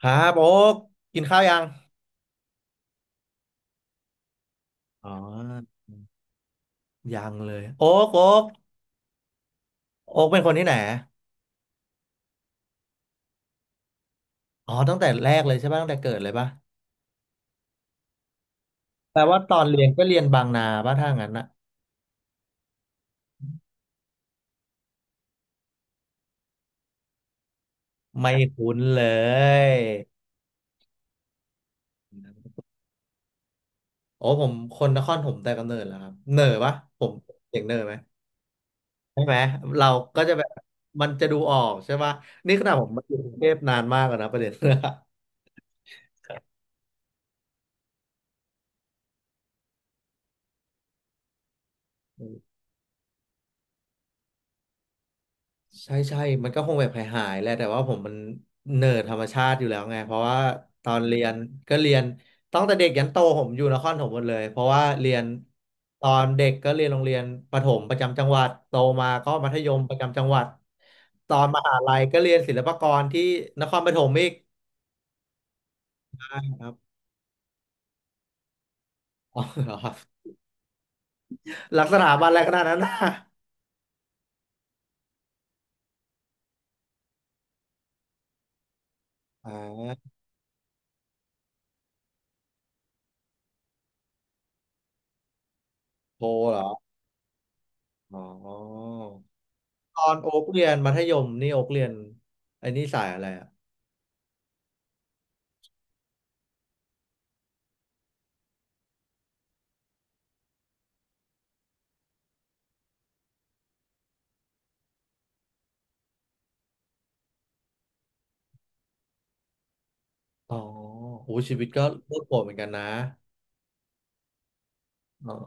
ครับโอ๊กกินข้าวยังอ๋อยังเลยโอ๊กโอ๊กโอ๊กเป็นคนที่ไหนอ๋อตั้งแต่แรกเลยใช่ป่ะตั้งแต่เกิดเลยป่ะแปลว่าตอนเรียนก็เรียนบางนาป่ะถ้างั้นอะไม่คุ้นเลยโอ้ผมคนนครผมแต่กำเนิดแล้วครับเหน่อปะผมเสียงเหน่อไหมใช่ไหมเราก็จะแบบมันจะดูออกใช่ปะนี่ขนาดผมมาอยู่กรุงเทพนานมากแล้วนะประเด็น ใช่ใช่มันก็คงแบบหายๆแหละแต่ว่าผมมันเนิร์ดธรรมชาติอยู่แล้วไงเพราะว่าตอนเรียนก็เรียนตั้งแต่เด็กยันโตผมอยู่นครปฐมหมดเลยเพราะว่าเรียนตอนเด็กก็เรียนโรงเรียนประถมประจำจังหวัดโตมาก็มัธยมประจำจังหวัดตอนมหาลัยก็เรียนศิลปากรที่นครปฐมอีกใช่ครับอ๋อเหรอครับลักษณะบันอะไรขนาดนั้นนะอ่าโทเหรออ๋อตอนโอ๊กเรียนมัธยมนี่โอ๊กเรียนไอ้นี่สายอะไรอะ อ๋อโหชีวิตก็โลดโผนเหมือนกันนะเออ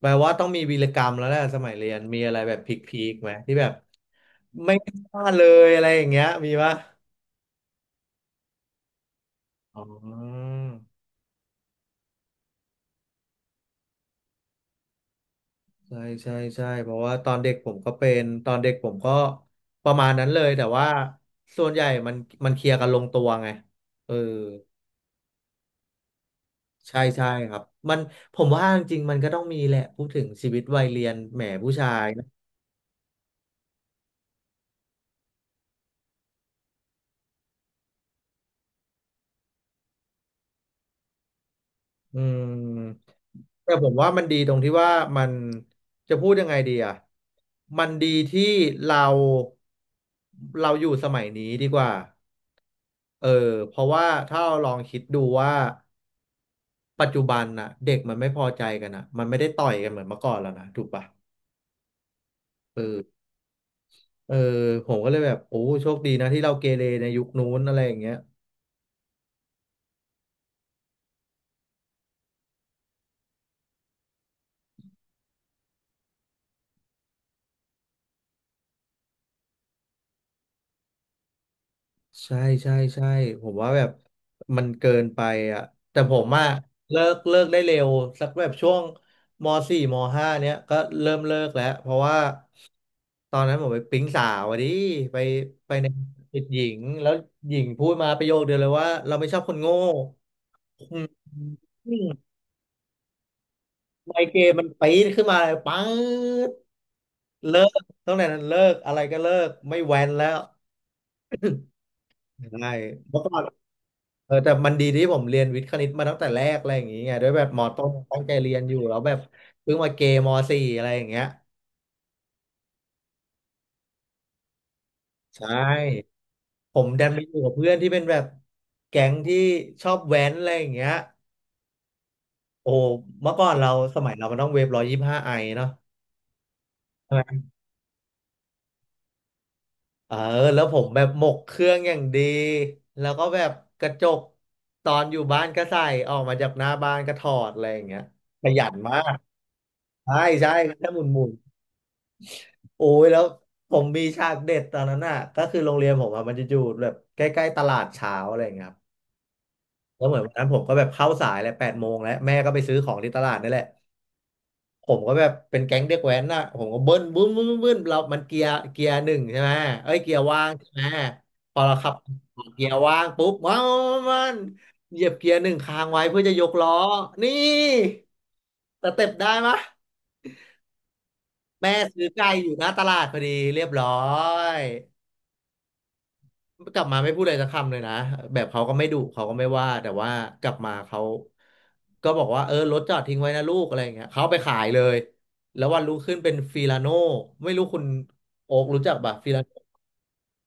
แปลว่าต้องมีวีรกรรมแล้วแหละสมัยเรียนมีอะไรแบบพีคๆไหมที่แบบไม่กล้าเลยอะไรอย่างเงี้ยมีปะอ๋อใช่ใช่ใช่เพราะว่าตอนเด็กผมก็เป็นตอนเด็กผมก็ประมาณนั้นเลยแต่ว่าส่วนใหญ่มันเคลียร์กันลงตัวไงเออใช่ใช่ครับมันผมว่าจริงๆมันก็ต้องมีแหละพูดถึงชีวิตวัยเรียนแหมผู้ชาย อืมแต่ผมว่ามันดีตรงที่ว่ามันจะพูดยังไงดีอ่ะมันดีที่เราอยู่สมัยนี้ดีกว่าเออเพราะว่าถ้าเราลองคิดดูว่าปัจจุบันน่ะเด็กมันไม่พอใจกันอ่ะมันไม่ได้ต่อยกันเหมือนเมื่อก่อนแล้วนะถูกปะเออเออผมก็เลยแบบโอ้โชคดีนะที่เราเกเรในยุคนู้นอะไรอย่างเงี้ย ใช่ใช่ใช่ผมว่าแบบมันเกินไปอ่ะแต่ผมอะเลิกได้เร็วสักแบบช่วงมสี่มห้าเนี้ยก็เริ่มเลิกแล้วเพราะว่าตอนนั้นผมไปปิ๊งสาวอะดิไปในติดหญิงแล้วหญิงพูดมาประโยคเดียวเลยว่าเราไม่ชอบคนโง่อืมไมเกรนมันปี๊ดขึ้นมาเลยปังเลิกตั้งแต่นั้นเลิกอะไรก็เลิกไม่แว้นแล้วใช่เมื่อก่อน เออแต่มันดีที่ผมเรียนวิทย์คณิตมาตั้งแต่แรกอะไรอย่างงี้ไงด้วยแบบมต้นตั้งใจเรียนอยู่แล้วแบบเพิ่งมาเกมสี่อะไรอย่างเงี้ยใช่ผมดันไปอยู่กับเพื่อนที่เป็นแบบแก๊งที่ชอบแว้นอะไรอย่างเงี้ยโอ้เมื่อก่อนเราสมัยเรามันต้องเวฟ125ไอเนาะใช่ไหมเออแล้วผมแบบหมกเครื่องอย่างดีแล้วก็แบบกระจกตอนอยู่บ้านก็ใส่ออกมาจากหน้าบ้านก็ถอดอะไรอย่างเงี้ยประหยัดมากใช่ใช่แค่หมุนหมุน โอ้ยแล้วผมมีฉากเด็ดตอนนั้นน่ะก็คือโรงเรียนผมอะมันจะอยู่แบบใกล้ๆตลาดเช้าอะไรอย่างเงี้ยครับแล้วเหมือนวันนั้นผมก็แบบเข้าสายแหละ8 โมงแล้วแม่ก็ไปซื้อของที่ตลาดนี่แหละผมก็แบบเป็นแก๊งเด็กแว้นน่ะผมก็เบิ้ลบึ้มบึ้มบึ้มบึ้มเรามันเกียร์เกียร์หนึ่งใช่ไหมเอ้ยเกียร์ว่างใช่ไหมพอเราขับเกียร์ว่างปุ๊บว้าวมันเหยียบเกียร์หนึ่งค้างไว้เพื่อจะยกล้อนี่สเต็ปได้มะแม่ซื้อไก่อยู่หน้าตลาดพอดีเรียบร้อย กลับมาไม่พูดอะไรสักคำเลยนะแบบเขาก็ไม่ดุเขาก็ไม่ว่าแต่ว่ากลับมาเขาก็บอกว่าเออรถจอดทิ้งไว้นะลูกอะไรอย่างเงี้ยเขาเอาไปขายเลยแล้ววันรุ่งขึ้นเป็นฟิลาโน่ไม่รู้คุณโอ๊กรู้จักป่ะฟิลาโน่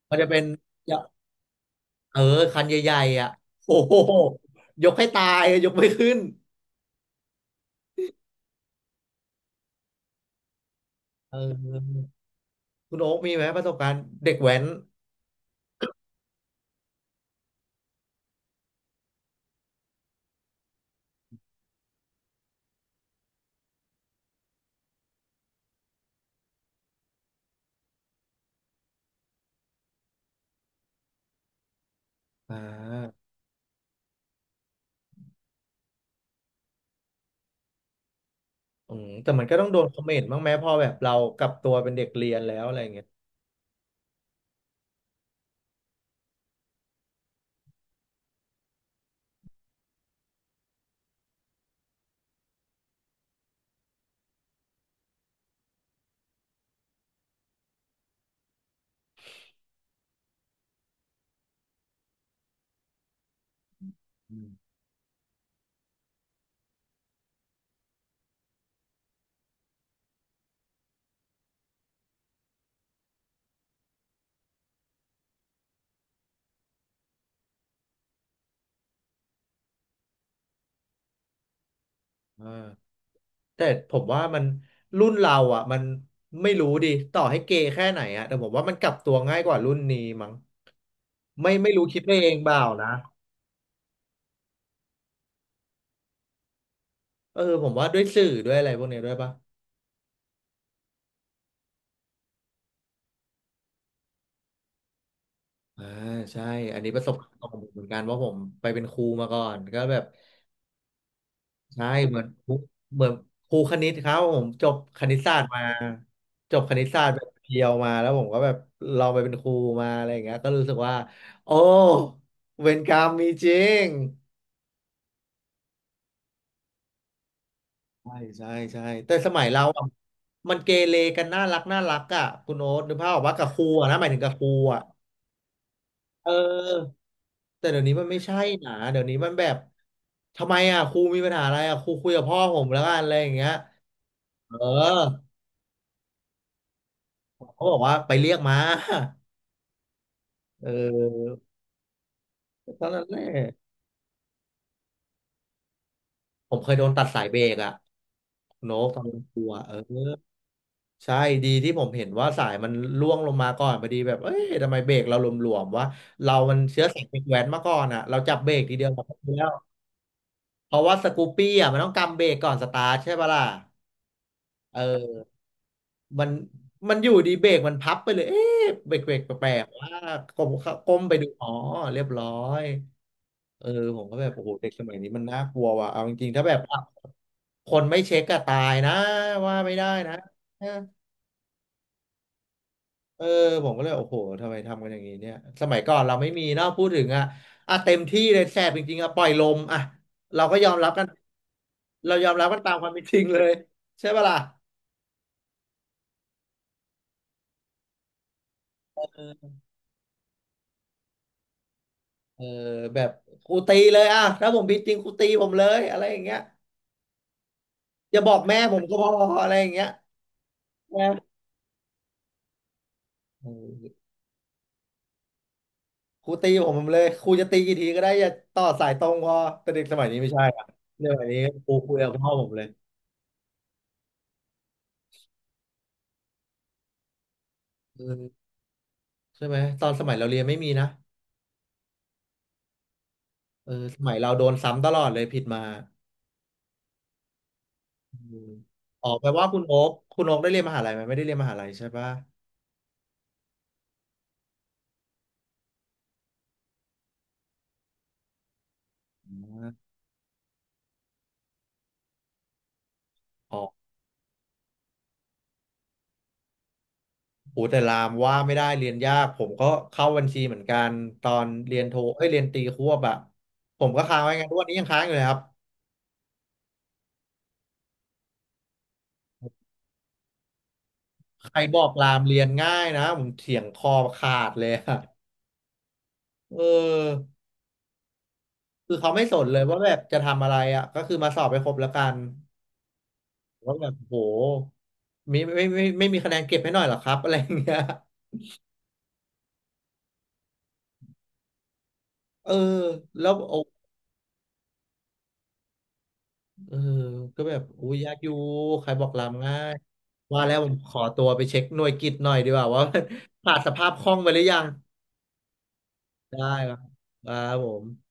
มันจะเป็นจะเออคันใหญ่ๆอ่ะโอ้โหยกให้ตายยกไม่ขึ้นเออคุณโอ๊กมีไหมประสบการณ์เด็กแว้นอ่าอืมแต่มันก็ต้องโดนคอมเมนต์บ้างไหมพอแบบเรากลับตัวเป็นเด็กเรียนแล้วอะไรอย่างเงี้ยอืมอ่า แต่ผมว่ามันรุ่นเราอ่ะมันไม่รู้ดิต่อให้เกย์แค่ไหนอ่ะแต่ผมว่ามันกลับตัวง่ายกว่ารุ่นนี้มั้งไม่รู้คิดไปเองเปล่านะเออผมว่าด้วยสื่อด้วยอะไรพวกนี้ด้วยปะอ่าใช่อันนี้ประสบการณ์ตรงผมเหมือนกันว่าผมไปเป็นครูมาก่อนก็แบบใช่เหมือนครูเหมือนครูคณิตครับผมจบคณิตศาสตร์มาจบคณิตศาสตร์แบบเพียวมาแล้วผมก็แบบลองไปเป็นครูมาอะไรอย่างเงี้ยก็รู้สึกว่าโอ้เวรกรรมมีจริง ใช่ใช่ใช่แต่สมัยเราอะมันเกเรกันน่ารักน่ารักอ่ะคุณโอ๊ตนึกภาพออกว่ากับครูอะนะหมายถึงกับครูอ่ะเออแต่เดี๋ยวนี้มันไม่ใช่นะเดี๋ยวนี้มันแบบทำไมอ่ะครูมีปัญหาอะไรอ่ะครูคุยกับพ่อผมแล้วกันอะไรอย่างเงี้ยเออเขาบอกว่าไปเรียกมาเออตอนนั้นแหละผมเคยโดนตัดสายเบรกอ่ะคุณโน๊ตตอนเป็นครูอะเออ ใช่ดีที่ผมเห็นว่าสายมันล่วงลงมาก่อนพอดีแบบเอ้ยทำไมเบรกเราหลวมๆวะเรามันเชื้อสายเด็กแว้นมาก่อนอ่ะเราจับเบรกทีเดียวเราก็รู้แล้วเพราะว่าสกูปปี้อ่ะมันต้องกำเบรกก่อนสตาร์ทใช่ปะล่ะเออมันมันอยู่ดีเบรกมันพับไปเลยเอ๊ะเบรกแปลกๆว่ากลมก้มไปดูอ๋อเรียบร้อยเออผมก็แบบโอ้โหเด็กสมัยนี้มันน่ากลัวว่ะเอาจริงๆถ้าแบบคนไม่เช็คก็ตายนะว่าไม่ได้นะ เออผมก็เลยโอ้โหทำไมทำกันอย่างนี้เนี่ยสมัยก่อนเราไม่มีเนาะพูดถึงอ่ะอ่ะเต็มที่เลยแสบจริงๆอ่ะปล่อยลมอ่ะเราก็ยอมรับกันเรายอมรับกันตามความเป็นจริงเลยใช่ปะล่ะเออแบบครูตีเลยอ่ะถ้าผมผิดจริงครูตีผมเลยอะไรอย่างเงี้ยอย่าบอกแม่ผมก็พออะไรอย่างเงี้ยเออครูตีผมเลยครูจะตีกี่ทีก็ได้อย่าต่อสายตรงพอแต่เด็กสมัยนี้ไม่ใช่อ่ะเรื่องแบบนี้ครูคุยกับพ่อผมเลยเออใช่ไหมตอนสมัยเราเรียนไม่มีนะ เออสมัยเราโดนซ้ำตลอดเลยผิดมาอืมอ๋อแปลว่าคุณโอ๊คคุณโอ๊คได้เรียนมหาลัยไหมไม่ได้เรียนมหาลัยใช่ปะอ่าอ๋อกโหแต่รามว่าไม่ได้เรียนยากผมก็เข้าบัญชีเหมือนกันตอนเรียนโทเอ้ยเรียนตรีควบอะผมก็ค้างไว้ไงทุกวันนี้ยังค้างอยู่เลยครับใครบอกรามเรียนง่ายนะผมเถียงคอขาดเลยอะเออคือเขาไม่สนเลยว่าแบบจะทำอะไรอะก็คือมาสอบไปครบแล้วกันว่าแบบโหมีไม่มีคะแนนเก็บให้หน่อยเหรอครับอะไรอย่างเงี้ย เออแล้วโอ้เออก็แบบอุ้ยยากอยู่ใครบอกลำง่ายว่าแล้วผมขอตัวไปเช็คหน่วยกิตหน่อยดีกว่าว่า ขาดสภาพคล่องไปหรือยังได้ครับครับผม